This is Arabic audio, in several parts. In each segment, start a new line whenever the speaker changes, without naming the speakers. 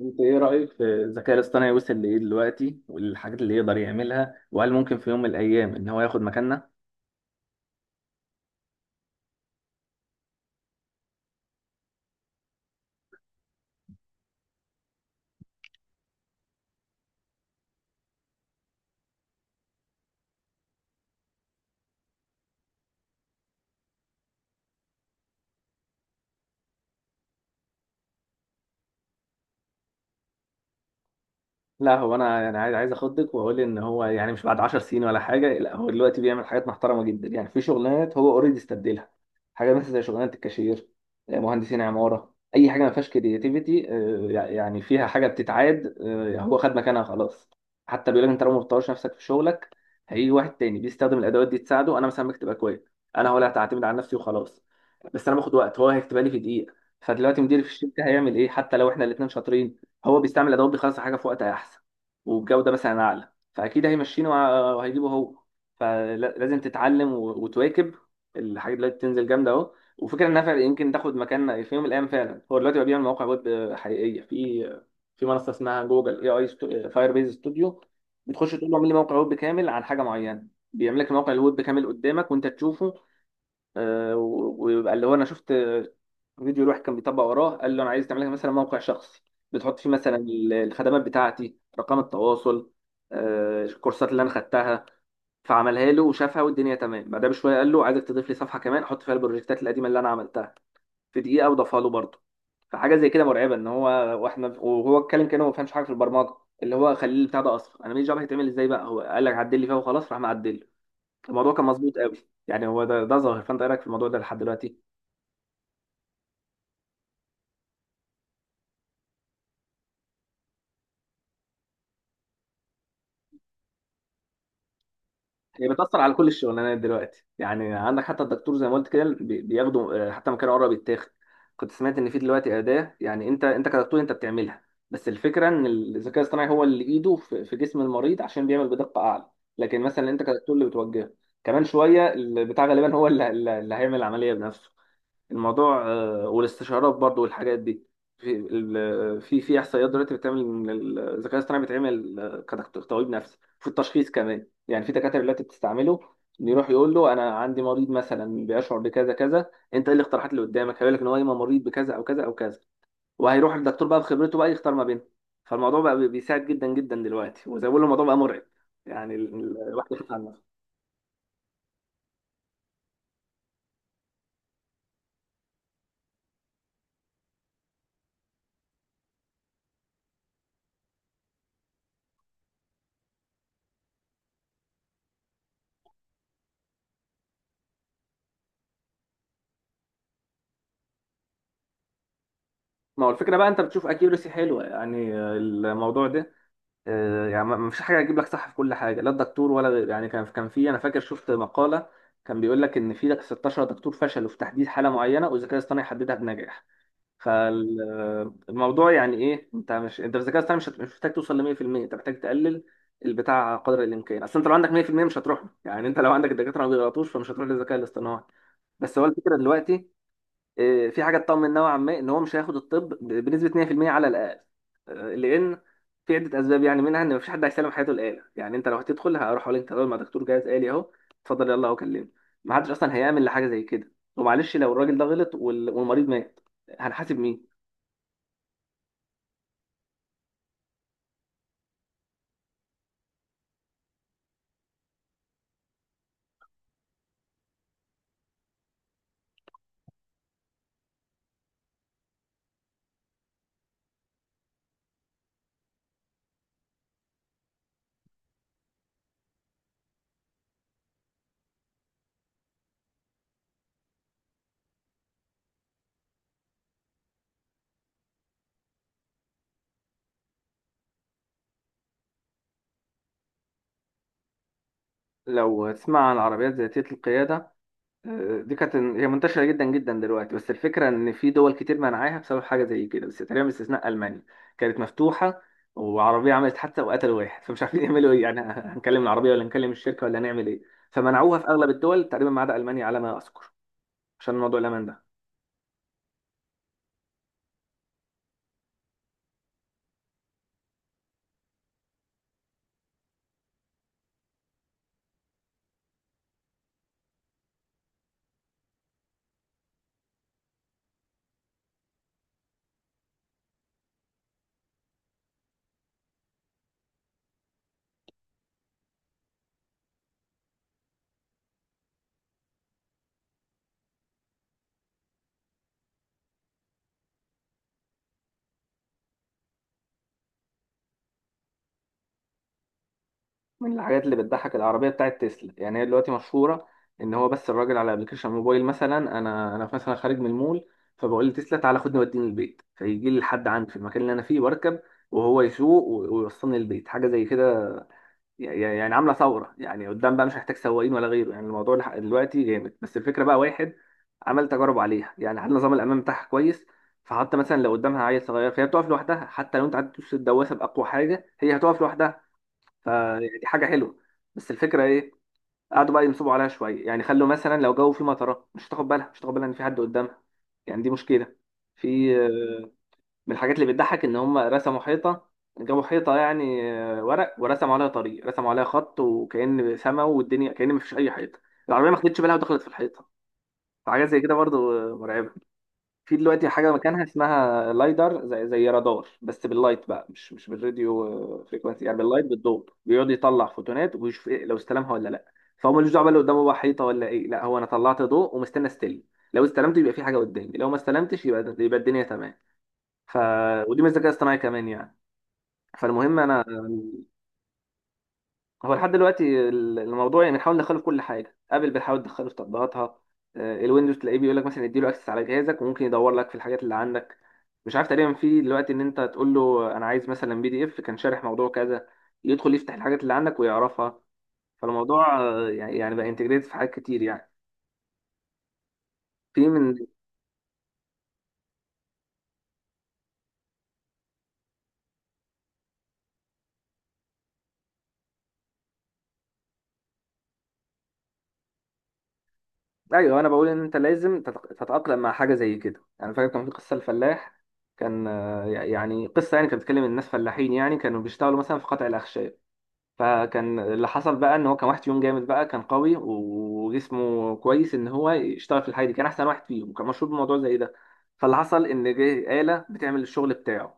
انت ايه رأيك في الذكاء الاصطناعي وصل لايه دلوقتي، والحاجات اللي يقدر يعملها، وهل ممكن في يوم من الايام ان هو ياخد مكاننا؟ لا هو انا عايز اخدك، واقول ان هو يعني مش بعد 10 سنين ولا حاجه. لا هو دلوقتي بيعمل حاجات محترمه جدا، يعني في شغلانات هو اوريدي استبدلها. حاجه مثلا زي شغلانه الكاشير، مهندسين عماره، اي حاجه ما فيهاش كرياتيفيتي، يعني فيها حاجه بتتعاد. هو خد مكانها خلاص. حتى بيقول لك انت لو ما بتطورش نفسك في شغلك هيجي واحد تاني بيستخدم الادوات دي تساعده. انا مثلا بكتب اكواد، انا هو اللي هتعتمد على نفسي وخلاص، بس انا باخد وقت هو هيكتبها لي في دقيقه. فدلوقتي مديري في الشركه هيعمل ايه؟ حتى لو احنا الاثنين شاطرين، هو بيستعمل ادوات بيخلص الحاجه في وقت احسن وبجوده مثلا اعلى، فاكيد هيمشينه وهيجيبه هو. فلازم تتعلم وتواكب. الحاجات دلوقتي بتنزل جامده اهو، وفكره انها فعلا يمكن تاخد مكان في يوم من الايام. فعلا هو دلوقتي بقى بيعمل مواقع ويب حقيقيه في منصه اسمها جوجل AI فاير بيز ستوديو. بتخش تقول له اعمل لي موقع ويب كامل عن حاجه معينه، بيعمل لك الموقع الويب كامل قدامك وانت تشوفه. ويبقى اللي هو انا شفت فيديو الواحد كان بيطبق وراه، قال له انا عايز تعمل لك مثلا موقع شخصي، بتحط فيه مثلا الخدمات بتاعتي، رقم التواصل، الكورسات اللي انا خدتها. فعملها له وشافها والدنيا تمام. بعدها بشويه قال له عايزك تضيف لي صفحه كمان احط فيها البروجكتات القديمه اللي انا عملتها، في دقيقه وضافها له برضه. فحاجه زي كده مرعبه، ان هو واحنا وهو اتكلم كانه ما بيفهمش حاجه في البرمجه، اللي هو خليه البتاع ده، اصلا انا ماليش دعوه هيتعمل ازاي، بقى هو قال لك عدل لي فيها وخلاص، راح معدل له. الموضوع كان مظبوط قوي. يعني هو ده ظاهر. فانت إيه رايك في الموضوع ده لحد دلوقتي؟ هي بتأثر على كل الشغلانات دلوقتي. يعني عندك حتى الدكتور، زي ما قلت كده، بياخدوا، حتى مكان قرب يتاخد. كنت سمعت ان في دلوقتي أداة، يعني انت كدكتور انت بتعملها، بس الفكرة ان الذكاء الاصطناعي هو اللي ايده في جسم المريض، عشان بيعمل بدقة اعلى. لكن مثلا انت كدكتور اللي بتوجهه. كمان شوية البتاع غالبا هو اللي هيعمل العملية بنفسه، الموضوع والاستشارات برضو والحاجات دي. في في احصائيات دلوقتي بتعمل إن الذكاء الاصطناعي بيتعمل كدكتور طبيب نفسي في التشخيص كمان. يعني في دكاتره دلوقتي بتستعمله، إنه يروح يقول له انا عندي مريض مثلا بيشعر بكذا كذا، انت ايه الاقتراحات اللي قدامك؟ هيقول لك ان هو يا إما مريض بكذا او كذا او كذا، وهيروح الدكتور بقى بخبرته بقى يختار ما بينهم. فالموضوع بقى بيساعد جدا جدا دلوقتي، وزي ما بقول الموضوع بقى مرعب. يعني الواحد يخاف على نفسه. ما هو الفكره بقى انت بتشوف اكيورسي حلوه، يعني الموضوع ده، يعني ما فيش حاجه هتجيب لك صح في كل حاجه، لا الدكتور ولا غير. يعني كان في - انا فاكر شفت مقاله كان بيقول لك ان في 16 دكتور فشلوا في تحديد حاله معينه، والذكاء الاصطناعي حددها بنجاح. فالموضوع يعني ايه؟ انت مش انت في الذكاء الاصطناعي، مش محتاج توصل ل 100%، انت محتاج تقلل البتاع قدر الامكان، اصل انت لو عندك 100% مش هتروح له. يعني انت لو عندك الدكاتره ما بيغلطوش فمش هتروح للذكاء الاصطناعي. بس هو الفكره دلوقتي، في حاجه تطمن نوعا ما ان هو مش هياخد الطب بنسبه 100% على الاقل. لان في عده اسباب، يعني منها ان مفيش حد هيسلم حياته الاله. يعني انت لو هتدخل، هروح اقول انت تدخل مع دكتور جهاز آلي اهو، اتفضل يلا اهو كلمني. ما حدش اصلا هيعمل لحاجه زي كده. ومعلش لو الراجل ده غلط والمريض مات، هنحاسب مين؟ لو تسمع عن العربيات ذاتيه القياده، دي كانت هي منتشرة جدا جدا دلوقتي، بس الفكرة إن في دول كتير منعاها بسبب حاجة زي كده. بس تقريبا باستثناء ألمانيا كانت مفتوحة، وعربية عملت حادثة وقتلوا واحد فمش عارفين يعملوا إيه. يعني هنكلم العربية ولا نكلم الشركة ولا هنعمل إيه؟ فمنعوها في أغلب الدول تقريبا ما عدا ألمانيا على ما أذكر، عشان موضوع الأمان ده. من الحاجات اللي بتضحك العربيه بتاعت تسلا، يعني هي دلوقتي مشهوره ان هو بس الراجل على ابلكيشن موبايل، مثلا انا مثلا خارج من المول، فبقول لتسلا تعالى خدني وديني البيت، فيجي لي لحد عندي في المكان اللي انا فيه واركب وهو يسوق ويوصلني البيت. حاجه زي كده يعني عامله ثوره. يعني قدام بقى مش هحتاج سواقين ولا غيره. يعني الموضوع دلوقتي جامد. بس الفكره بقى واحد عمل تجارب عليها، يعني حل نظام الامان بتاعها كويس. فحتى مثلا لو قدامها عيل صغير فهي بتقف لوحدها، حتى لو انت قعدت تدوس الدواسه باقوى حاجه هي هتقف لوحدها. فدي حاجه حلوه. بس الفكره ايه؟ قعدوا بقى ينصبوا عليها شويه، يعني خلوا مثلا لو جو فيه مطره، مش هتاخد بالها، مش هتاخد بالها ان في حد قدامها. يعني دي مشكله. في آه، من الحاجات اللي بتضحك ان هم رسموا حيطه، جابوا حيطه يعني ورق، ورسموا عليها طريق، رسموا عليها خط، وكأن سما والدنيا، كأن مفيش اي حيطه. العربيه ما خدتش بالها ودخلت في الحيطه. فحاجات زي كده برضو مرعبه. في دلوقتي حاجة مكانها اسمها لايدر، زي رادار بس باللايت بقى، مش بالراديو فريكونسي. يعني باللايت بالضوء بيقعد يطلع فوتونات ويشوف إيه، لو استلمها ولا لا. فهو ملوش دعوة بقى اللي قدامه بقى حيطة ولا ايه. لا هو انا طلعت ضوء ومستني استلم، لو استلمت يبقى في حاجة قدامي، لو ما استلمتش يبقى الدنيا تمام. ف ودي من الذكاء الاصطناعي كمان يعني. فالمهم انا، هو لحد دلوقتي الموضوع يعني بنحاول ندخله في كل حاجه. ابل بتحاول تدخله في تطبيقاتها، الويندوز تلاقيه بيقول لك مثلا اديله اكسس على جهازك وممكن يدور لك في الحاجات اللي عندك. مش عارف تقريبا في دلوقتي ان انت تقول له انا عايز مثلا PDF كان شارح موضوع كذا، يدخل يفتح الحاجات اللي عندك ويعرفها. فالموضوع يعني بقى انتجريت في حاجات كتير يعني. في من ايوه، انا بقول ان انت لازم تتاقلم مع حاجه زي كده. يعني فاكر كان في قصه الفلاح، كان يعني قصه يعني كانت بتتكلم إن الناس فلاحين، يعني كانوا بيشتغلوا مثلا في قطع الاخشاب. فكان اللي حصل بقى ان هو كان واحد فيهم جامد بقى، كان قوي وجسمه كويس ان هو يشتغل في الحاجه دي، كان احسن واحد فيهم وكان مشهور بموضوع زي ده. فاللي حصل ان جه آلة بتعمل الشغل بتاعه،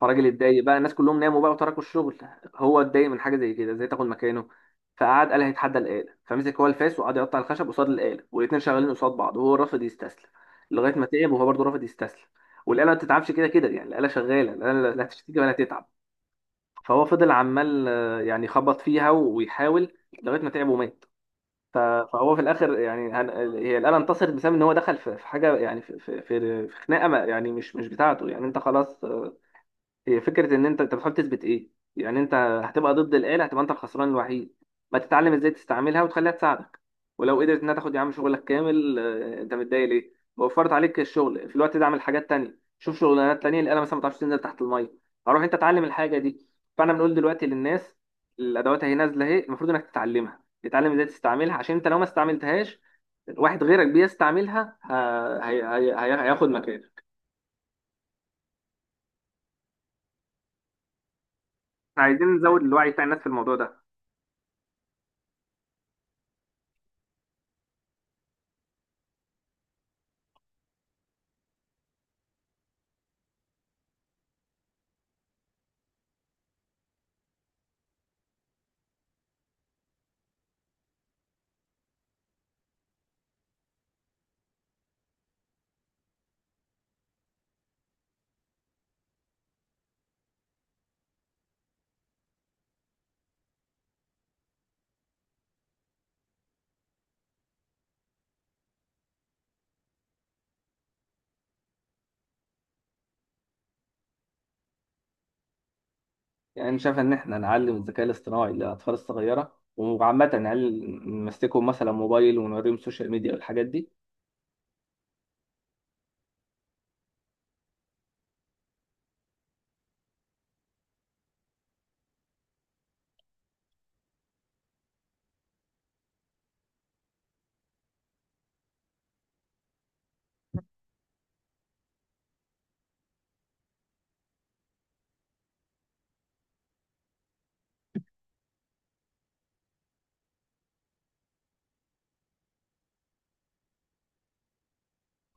فالراجل اتضايق بقى. الناس كلهم ناموا بقى وتركوا الشغل. هو اتضايق من حاجه زي كده، ازاي تاخد مكانه؟ فقعد قال هيتحدى الآلة. فمسك هو الفاس وقعد يقطع الخشب قصاد الآلة، والاتنين شغالين قصاد بعض، وهو رافض يستسلم لغايه ما تعب. وهو برضه رافض يستسلم، والآلة ما بتتعبش كده كده. يعني الآلة شغاله، الآلة لا هتشتكي ولا هتتعب. فهو فضل عمال يعني يخبط فيها ويحاول لغايه ما تعب ومات. ف- فهو في الاخر يعني، هي الاله انتصرت، بسبب ان هو دخل في حاجه، يعني في في خناقه يعني مش بتاعته. يعني انت خلاص، هي فكره ان انت بتحاول تثبت ايه. يعني انت هتبقى ضد الاله، هتبقى انت الخسران الوحيد. ما تتعلم ازاي تستعملها وتخليها تساعدك. ولو قدرت انها تاخد يا عم شغلك كامل، انت متضايق ليه؟ وفرت عليك الشغل. في الوقت ده اعمل حاجات تانية، شوف شغلانات تانية. الاله مثلا ما تعرفش تنزل تحت الميه، فروح انت اتعلم الحاجه دي. فاحنا بنقول دلوقتي للناس، الادوات اهي نازله اهي، المفروض انك تتعلمها، تتعلم ازاي تستعملها، عشان انت لو ما استعملتهاش واحد غيرك بيستعملها هياخد مكانك. احنا عايزين نزود الوعي بتاع الناس في الموضوع ده. يعني أنا شايف إن إحنا نعلم الذكاء الاصطناعي للأطفال الصغيرة، وعامة نعلم نمسكهم مثلا موبايل، ونوريهم السوشيال ميديا والحاجات دي.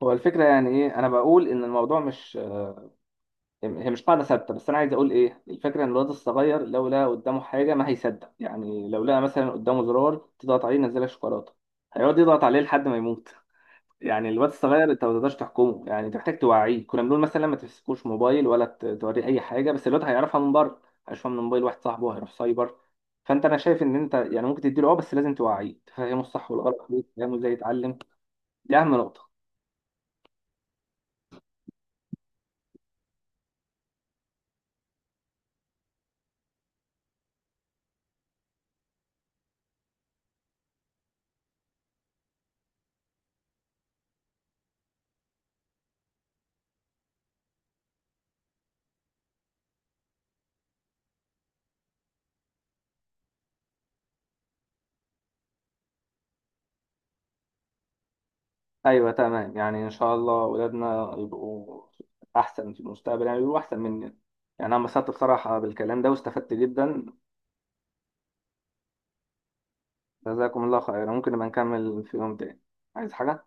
هو الفكرة يعني إيه؟ أنا بقول إن الموضوع مش، هي مش قاعدة ثابتة، بس أنا عايز أقول إيه الفكرة. إن الواد الصغير لو لقى قدامه حاجة ما هيصدق، يعني لو لقى مثلا قدامه زرار تضغط عليه ينزلك شوكولاتة هيقعد يضغط عليه لحد ما يموت. يعني الواد الصغير انت ما تقدرش تحكمه، يعني انت محتاج توعيه. كنا بنقول مثلا ما تمسكوش موبايل ولا توريه اي حاجه، بس الواد هيعرفها من بره. هيشوفها من موبايل واحد صاحبه، هيروح سايبر. فانت انا شايف ان انت يعني ممكن تديله، اه، بس لازم توعيه، تفهمه الصح والغلط ليه، تفهمه ازاي يتعلم. دي اهم نقطه. ايوه تمام. يعني ان شاء الله ولادنا يبقوا احسن في المستقبل، يعني يبقوا احسن مننا. يعني انا انبسطت بصراحه بالكلام ده واستفدت جدا. جزاكم الله خيرا، ممكن نبقى نكمل في يوم تاني. عايز حاجه؟